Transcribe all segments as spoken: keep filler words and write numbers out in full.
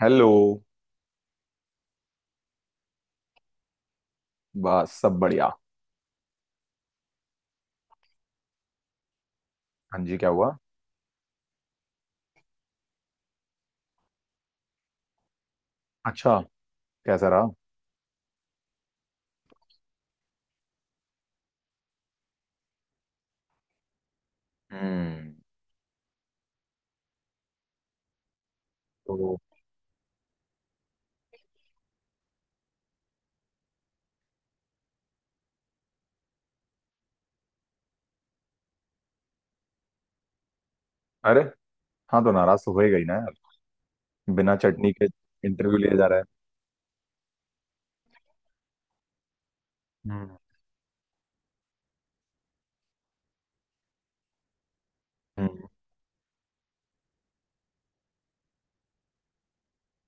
Hello. बस सब बढ़िया। हाँ जी, क्या हुआ? अच्छा। कैसा रहा? हम्म। तो। अरे। हाँ, तो नाराज तो होएगा ही ना यार। बिना चटनी के इंटरव्यू लिए जा रहा है। हम्म। हम्म।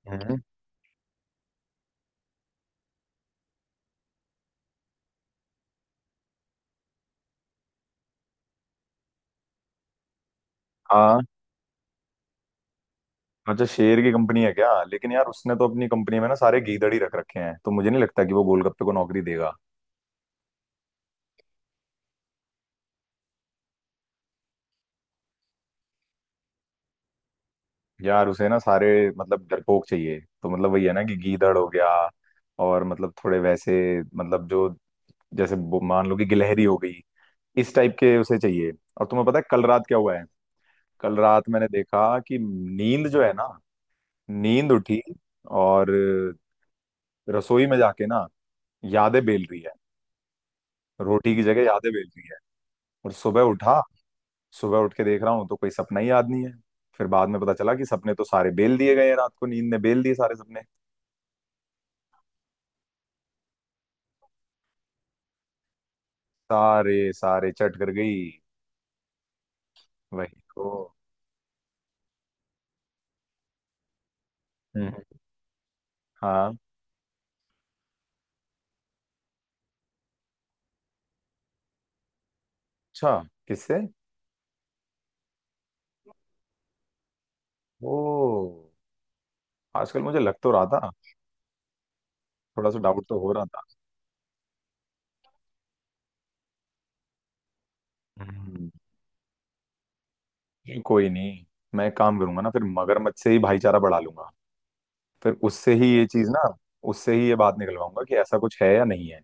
हम्म। हाँ। अच्छा, शेर की कंपनी है क्या? लेकिन यार उसने तो अपनी कंपनी में ना सारे गीदड़ ही रख रखे हैं, तो मुझे नहीं लगता कि वो गोलगप्पे को नौकरी देगा। यार उसे ना सारे मतलब डरपोक चाहिए, तो मतलब वही है ना, कि गीदड़ हो गया। और मतलब थोड़े वैसे, मतलब जो जैसे बो- मान लो कि गिलहरी हो गई। इस टाइप के उसे चाहिए। और तुम्हें पता है कल रात क्या हुआ है? कल रात मैंने देखा कि नींद जो है ना, नींद उठी। और रसोई में जाके ना, यादें बेल रही है। रोटी की जगह यादें बेल रही है। और सुबह उठा, सुबह उठ के देख रहा हूँ तो कोई सपना ही याद नहीं है। फिर बाद में पता चला कि सपने तो सारे बेल दिए गए हैं, रात को नींद ने बेल दिए सारे सपने। सारे सारे चट कर गई। वही तो। हम्म। हाँ। अच्छा। किससे? ओ। आजकल मुझे लग तो रहा था। थोड़ा सा डाउट तो हो रहा था। हम्म। कोई नहीं। मैं एक काम करूंगा ना, फिर मगरमच्छ से ही भाईचारा बढ़ा लूंगा। फिर उससे ही ये चीज ना, उससे ही ये बात निकलवाऊंगा कि ऐसा कुछ है या नहीं है।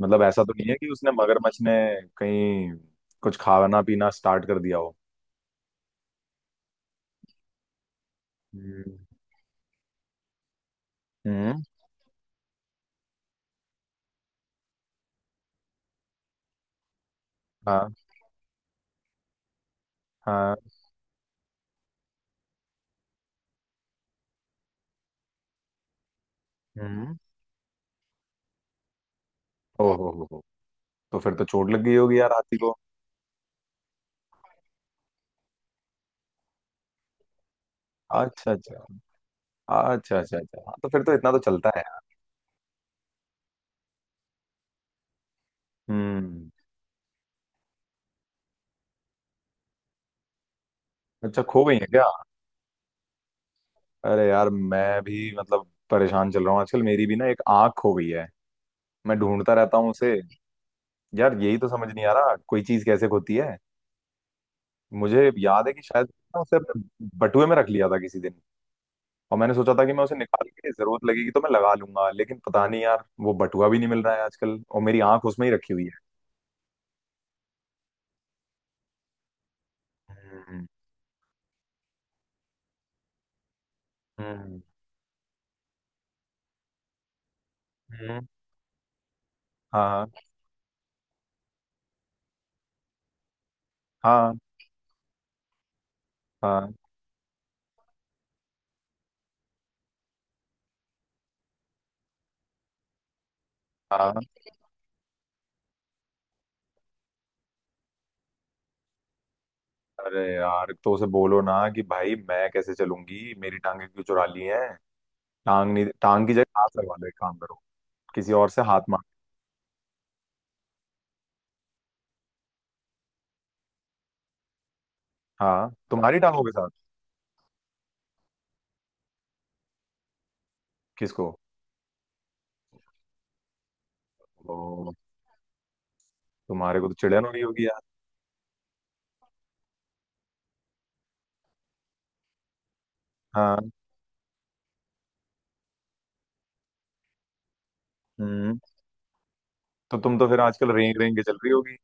मतलब ऐसा तो नहीं है कि उसने, मगरमच्छ ने कहीं कुछ खाना पीना स्टार्ट कर दिया हो। हम्म। हम्म। हाँ। हाँ। हम्म। ओहो हो हो। तो फिर तो चोट लग गई होगी यार हाथी को। अच्छा, अच्छा, अच्छा, अच्छा, अच्छा, हाँ, तो फिर तो इतना तो चलता है। हम्म। अच्छा, खो गई है क्या? अरे यार मैं भी मतलब परेशान चल रहा हूँ आजकल, मेरी भी ना एक आंख खो गई है। मैं ढूंढता रहता हूँ उसे। यार यही तो समझ नहीं आ रहा, कोई चीज कैसे होती है। मुझे याद है कि शायद ना, उसे अपने बटुए में रख लिया था किसी दिन। और मैंने सोचा था कि मैं उसे निकाल के, जरूरत लगेगी तो मैं लगा लूंगा, लेकिन पता नहीं यार वो बटुआ भी नहीं मिल रहा है आजकल, और मेरी आंख उसमें ही रखी हुई है। हम्म। हम्म। हम्म। हाँ। हाँ। हाँ। हाँ। अरे यार तो उसे बोलो ना कि भाई, मैं कैसे चलूंगी, मेरी टांगे क्यों चुरा ली हैं। टांग नहीं, टांग की जगह हाथ लगवा लो, एक काम करो। किसी और से हाथ मांग। हाँ, तुम्हारी टांगों के साथ? किसको? ओ। तुम्हारे को तो चिड़न हो रही होगी यार। हाँ। हम्म। तो तुम तो फिर आजकल रेंग रेंग के चल रही होगी।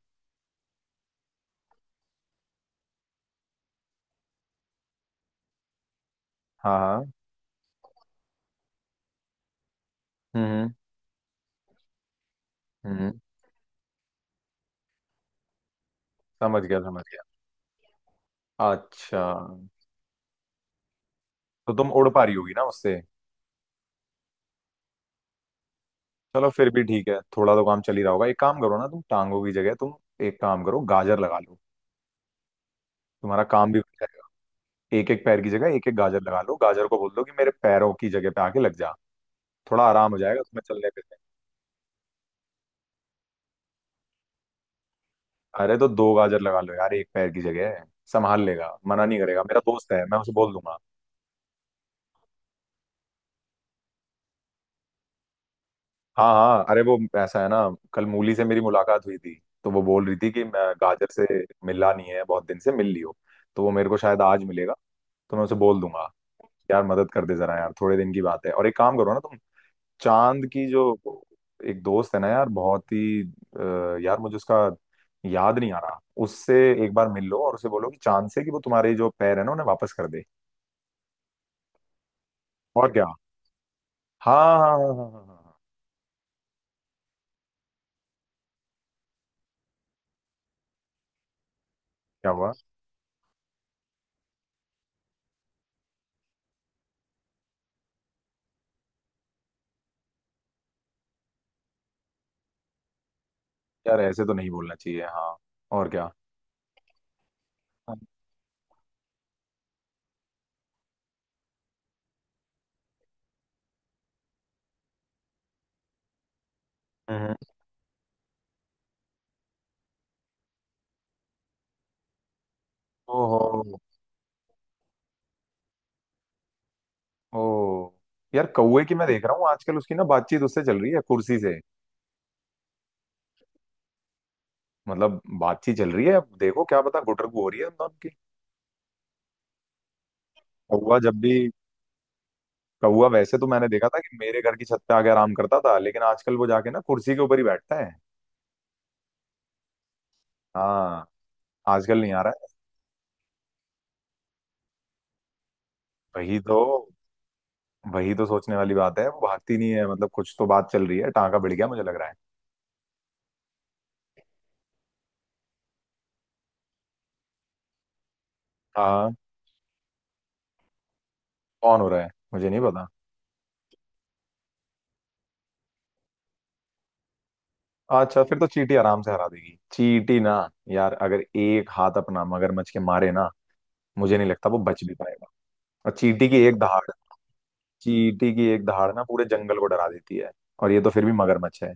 हाँ। हाँ। हम्म। हम्म। समझ गया, समझ गया। अच्छा। तो तुम उड़ पा रही होगी ना उससे? चलो फिर भी ठीक है, थोड़ा तो काम चल ही रहा होगा, एक काम करो ना तुम, टांगों की जगह तुम एक काम करो, गाजर लगा लो। तुम्हारा काम भी हो जाएगा। एक एक पैर की जगह एक एक गाजर लगा लो, गाजर को बोल दो कि मेरे पैरों की जगह पे आके लग जा। थोड़ा आराम हो जाएगा तुम्हें चलने फिरने में। अरे तो दो गाजर लगा लो यार, एक पैर की जगह। संभाल लेगा, मना नहीं करेगा, मेरा दोस्त है, मैं उसे बोल दूंगा। हाँ हाँ, अरे वो ऐसा है ना, कल मूली से मेरी मुलाकात हुई थी। तो वो बोल रही थी कि मैं गाजर से मिला नहीं है बहुत दिन से, मिल लियो। तो वो मेरे को शायद आज मिलेगा। तो मैं उसे बोल दूंगा। यार मदद कर दे जरा, यार थोड़े दिन की बात है, और एक काम करो ना तुम। चांद की जो एक दोस्त है ना यार, बहुत ही अ, यार मुझे उसका याद नहीं आ रहा। उससे एक बार मिल लो, और उसे बोलो, कि चांद से, कि वो तुम्हारे जो पैर है ना उन्हें वापस कर दे। और क्या? हाँ, हाँ, हाँ, हाँ, हाँ, हाँ, हाँ। हाँ, क्या हुआ? यार ऐसे तो नहीं बोलना चाहिए, हाँ। और क्या। हम्म। ओहो। ओ। यार कौवे की, मैं देख रहा हूँ आजकल उसकी ना बातचीत उससे चल रही है कुर्सी से। मतलब बातचीत चल रही है, अब देखो क्या पता गुटरगू हो रही है उन दोनों की। कौवा जब भी कौवा वैसे तो मैंने देखा था कि मेरे घर की छत पे आके आराम करता था, लेकिन आजकल वो जाके ना कुर्सी के ऊपर ही बैठता है। हाँ। आजकल नहीं आ रहा है। वही तो। वही तो सोचने वाली बात है, वो भागती नहीं है, मतलब कुछ तो बात चल रही है, टांका भिड़ गया मुझे लग रहा है। हाँ। कौन हो रहा है, मुझे नहीं पता। अच्छा, फिर तो चींटी आराम से हरा देगी, चींटी ना। यार अगर एक हाथ अपना मगरमच्छ के मारे ना, मुझे नहीं लगता वो बच भी पाएगा। और चींटी की एक दहाड़ चींटी की एक दहाड़ ना पूरे जंगल को डरा देती है। और ये तो फिर भी मगरमच्छ है।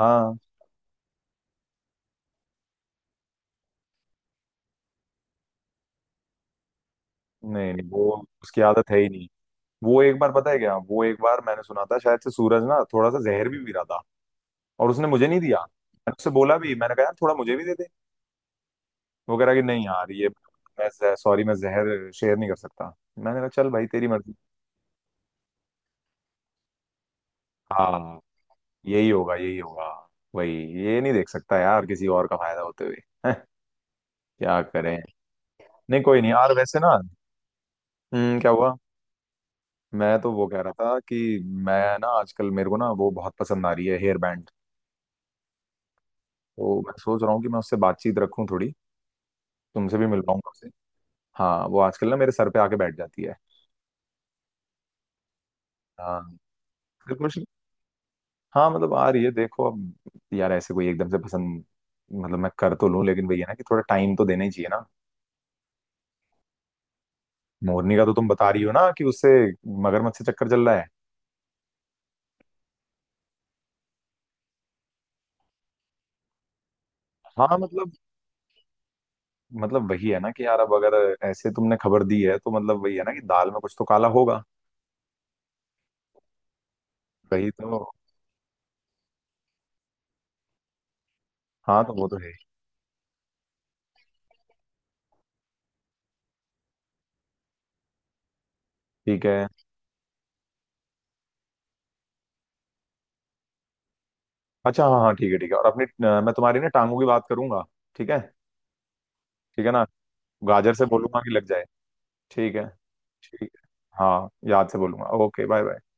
हाँ। नहीं नहीं, वो उसकी आदत है ही नहीं। वो एक बार पता है क्या वो एक बार मैंने सुना था शायद से, सूरज ना थोड़ा सा जहर भी पी रहा था। और उसने मुझे नहीं दिया, मैंने उससे बोला भी, मैंने कहा यार थोड़ा मुझे भी दे दे। वो कह रहा कि नहीं यार, ये मैं सॉरी, मैं जहर शेयर नहीं कर सकता, मैंने कहा चल भाई तेरी मर्जी। हाँ। यही होगा, यही होगा। वही। ये नहीं देख सकता यार किसी और का फायदा होते हुए। हैं, क्या करें। नहीं कोई नहीं यार, वैसे ना, हम्म, क्या हुआ? मैं तो वो कह रहा था कि, मैं ना आजकल मेरे को ना वो बहुत पसंद आ रही है हेयर बैंड। तो मैं सोच रहा हूँ कि मैं उससे बातचीत रखूं थोड़ी। तुमसे भी मिल पाऊंगा उससे। हाँ, वो आजकल ना मेरे सर पे आके बैठ जाती है। हाँ। फिर कुछ। हाँ मतलब, आ रही है देखो अब। यार ऐसे कोई एकदम से पसंद। मतलब मैं कर तो लूं, लेकिन भैया ना कि थोड़ा टाइम तो देना ही चाहिए ना। मोरनी का तो तुम बता रही हो ना कि उससे, मगरमच्छ से चक्कर चल रहा है। हाँ मतलब मतलब वही है ना कि यार, अब अगर ऐसे तुमने खबर दी है तो, मतलब वही है ना कि दाल में कुछ तो काला होगा। वही तो। हाँ, तो वो तो है ही। ठीक है। अच्छा, हाँ हाँ, ठीक है ठीक है, और अपनी अ, मैं तुम्हारी ना टांगों की बात करूंगा। ठीक है। ठीक है ना। गाजर से बोलूंगा कि लग जाए। ठीक है। ठीक है। हाँ, याद से बोलूंगा, ओके, बाय बाय।